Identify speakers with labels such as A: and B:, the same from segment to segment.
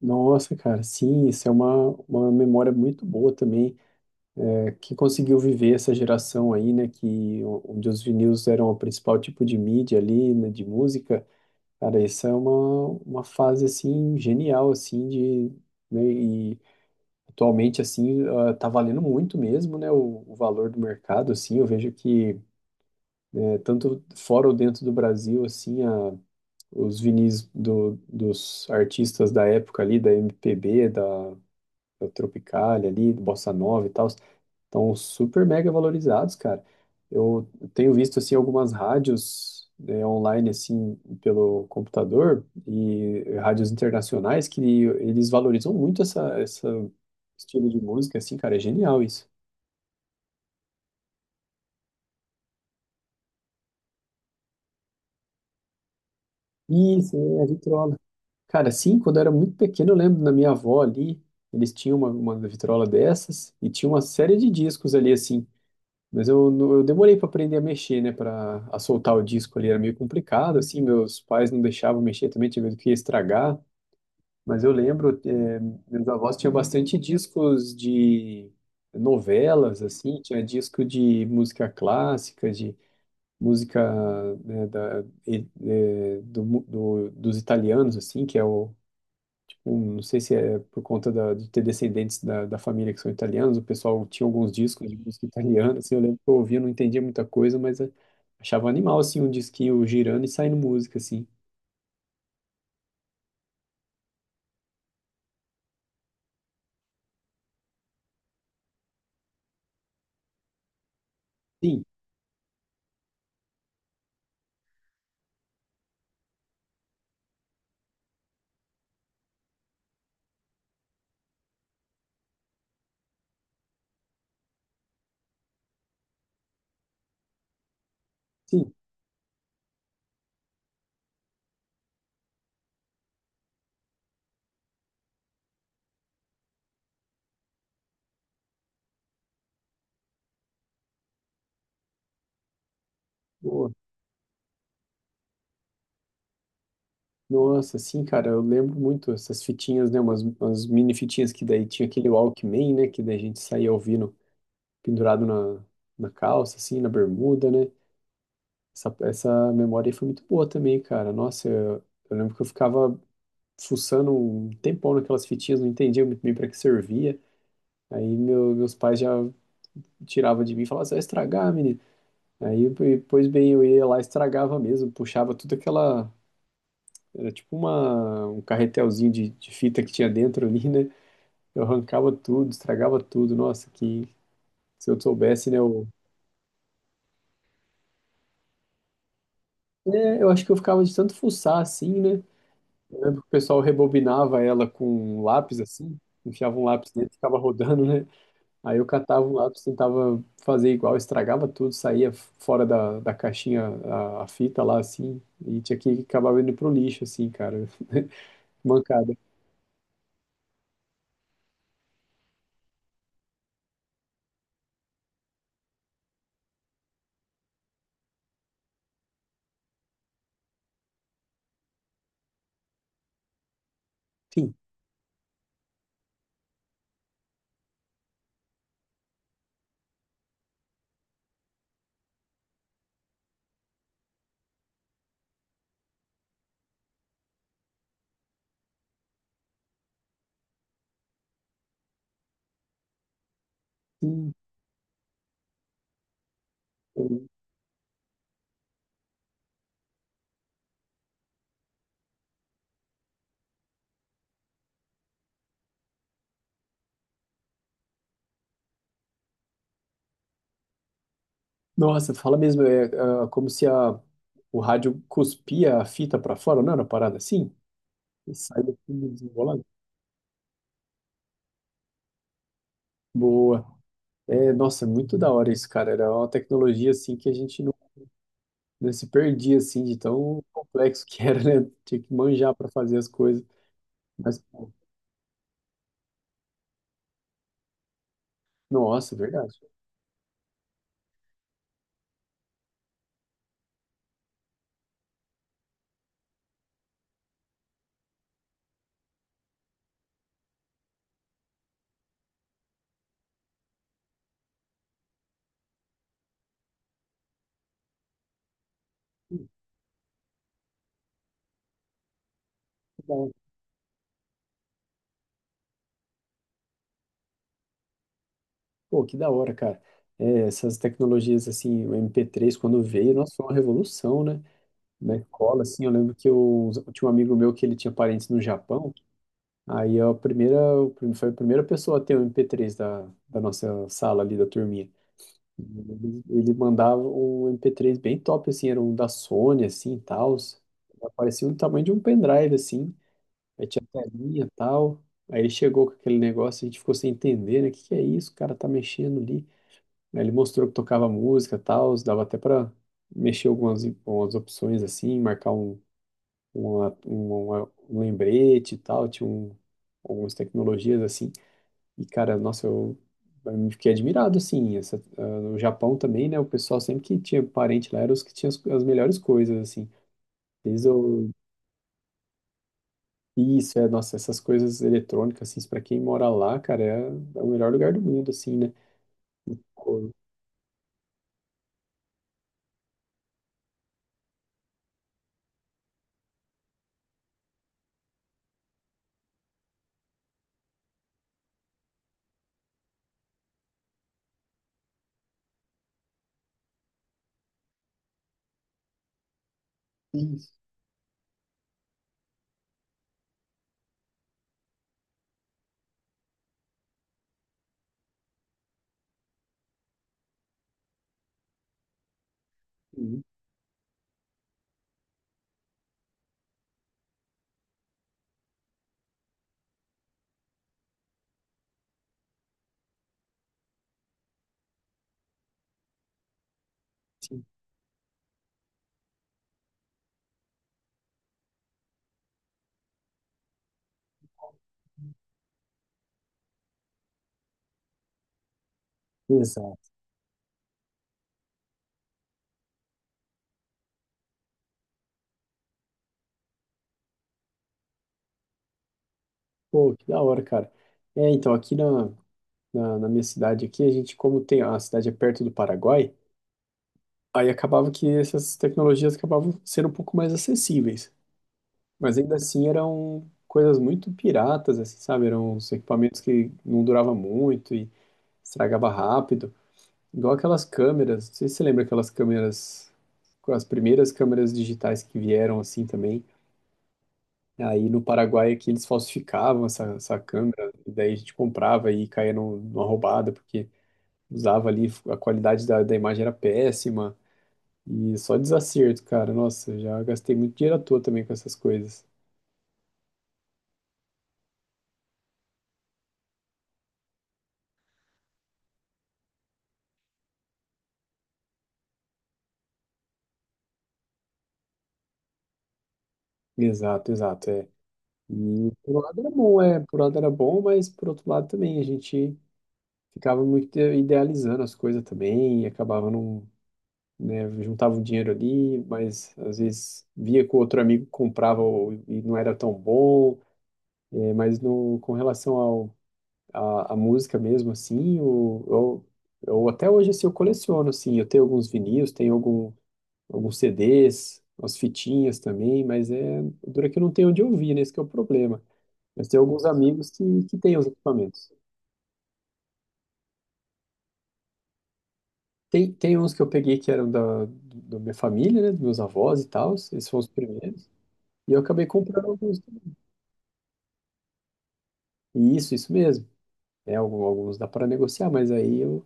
A: Nossa, cara, sim, isso é uma memória muito boa também. É, quem conseguiu viver essa geração aí, né, onde os vinis eram o principal tipo de mídia ali, né, de música, cara, isso é uma fase, assim, genial, assim, de, né, e atualmente, assim, ah, tá valendo muito mesmo, né, o valor do mercado, assim, eu vejo que, né, tanto fora ou dentro do Brasil, assim, a os vinis dos artistas da época ali, da MPB, da o Tropicália ali, Bossa Nova e tal, estão super mega valorizados, cara. Eu tenho visto, assim, algumas rádios, né, online, assim, pelo computador e rádios internacionais que eles valorizam muito essa estilo de música, assim, cara, é genial isso. Isso, é a vitrola. Cara, assim quando eu era muito pequeno, eu lembro da minha avó ali, eles tinham uma vitrola dessas e tinha uma série de discos ali, assim. Mas eu, não- eu demorei para aprender a mexer, né? Para a soltar o disco ali era meio complicado, assim. Meus pais não deixavam mexer também, tinha medo que ia estragar. Mas eu lembro, meus avós tinham bastante discos de novelas, assim. Tinha disco de música clássica, de música né, da, e- eh, do, mu- do- dos italianos, assim, que é não sei se é por conta de ter descendentes da, da família que são italianos, o pessoal tinha alguns discos de música italiana, assim, eu lembro que eu ouvia, não entendia muita coisa, mas achava animal, assim, um disquinho girando e saindo música, assim. Sim, sim, boa. Nossa, sim, cara, eu lembro muito essas fitinhas, né, umas mini fitinhas que daí tinha aquele Walkman, né, que daí a gente saía ouvindo pendurado na, na calça, assim, na bermuda, né, essa memória aí foi muito boa também, cara, nossa, eu lembro que eu ficava fuçando um tempão naquelas fitinhas, não entendia muito bem para que servia. Aí meus pais já tiravam de mim e falavam, você vai estragar, menino. Aí, e, pois bem, eu ia lá e estragava mesmo, puxava tudo aquela. Era tipo uma, um carretelzinho de fita que tinha dentro ali, né? Eu arrancava tudo, estragava tudo. Nossa, que se eu soubesse, né? Eu, é, eu acho que eu ficava de tanto fuçar assim, né? Eu lembro que o pessoal rebobinava ela com um lápis assim, enfiava um lápis dentro e ficava rodando, né? Aí eu catava um lápis, tentava fazer igual, estragava tudo, saía fora da, da caixinha a fita lá, assim, e tinha que acabar indo pro lixo, assim, cara. Mancada. Sim, sim. Nossa, fala mesmo, é, ah, como se a, o rádio cuspia a fita pra fora, não era uma parada assim? E saía tudo desembolado. Boa. É, nossa, muito da hora isso, cara. Era uma tecnologia, assim, que a gente não, não se perdia, assim, de tão complexo que era, né? Tinha que manjar para fazer as coisas. Mas Nossa, verdade. Que Pô, que da hora, cara. É, essas tecnologias, assim, o MP3, quando veio, nossa, foi uma revolução, né? Na escola, assim, eu lembro que eu tinha um amigo meu que ele tinha parentes no Japão, aí a primeira, foi a primeira pessoa a ter o MP3 da nossa sala ali, da turminha. Ele mandava um MP3 bem top, assim, era um da Sony, assim, e tal. Parecia o tamanho de um pendrive, assim. Aí tinha telinha e tal. Aí ele chegou com aquele negócio, a gente ficou sem entender, né? O que que é isso? O cara tá mexendo ali. Aí ele mostrou que tocava música e tal, dava até pra mexer algumas opções assim, marcar um, um lembrete e tal, tinha um, algumas tecnologias assim. E cara, nossa, eu fiquei admirado assim. Essa, ah, no Japão também, né? O pessoal sempre que tinha parente lá era os que tinham as, as melhores coisas, assim. Desde o Isso, é, nossa, essas coisas eletrônicas, assim, pra quem mora lá, cara, é, é o melhor lugar do mundo, assim, né? Pô, Isso, isso, sim. Exato. Pô, que da hora, cara. É, então, aqui na, na minha cidade, aqui, a gente, como tem, a cidade é perto do Paraguai, aí acabava que essas tecnologias acabavam sendo um pouco mais acessíveis. Mas ainda assim eram coisas muito piratas, assim, sabe? Eram uns equipamentos que não duravam muito e estragava rápido. Igual aquelas câmeras, não sei se você lembra aquelas câmeras, as primeiras câmeras digitais que vieram assim também. Aí no Paraguai aqui eles falsificavam essa câmera, e daí a gente comprava e caía numa roubada, porque usava ali, a qualidade da, da imagem era péssima, e só desacerto, cara. Nossa, já gastei muito dinheiro à toa também com essas coisas. Exato, exato, é. E por um lado era bom, é, por um lado era bom, mas por outro lado também a gente ficava muito idealizando as coisas também e acabava não né? Juntava o dinheiro ali, mas às vezes via que o outro amigo comprava e não era tão bom. É, mas no, com relação ao, à, à música mesmo, assim, eu até hoje assim, eu coleciono, assim, eu tenho alguns vinis, tenho algum, alguns CDs, umas fitinhas também, mas é dura que eu não tenho onde ouvir, né? Esse que é o problema. Mas tem alguns amigos que têm os equipamentos. Tem, tem uns que eu peguei que eram da, da minha família, né? Dos meus avós e tal, esses foram os primeiros. E eu acabei comprando alguns. Isso mesmo. É, alguns dá para negociar, mas aí eu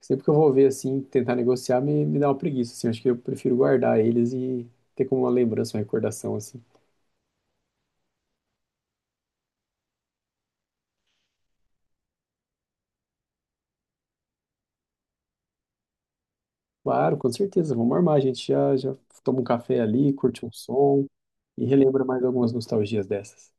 A: sempre que eu vou ver assim, tentar negociar, me dá uma preguiça, assim, acho que eu prefiro guardar eles e ter como uma lembrança, uma recordação assim. Claro, com certeza, vamos armar, a gente já já toma um café ali, curte um som e relembra mais algumas nostalgias dessas.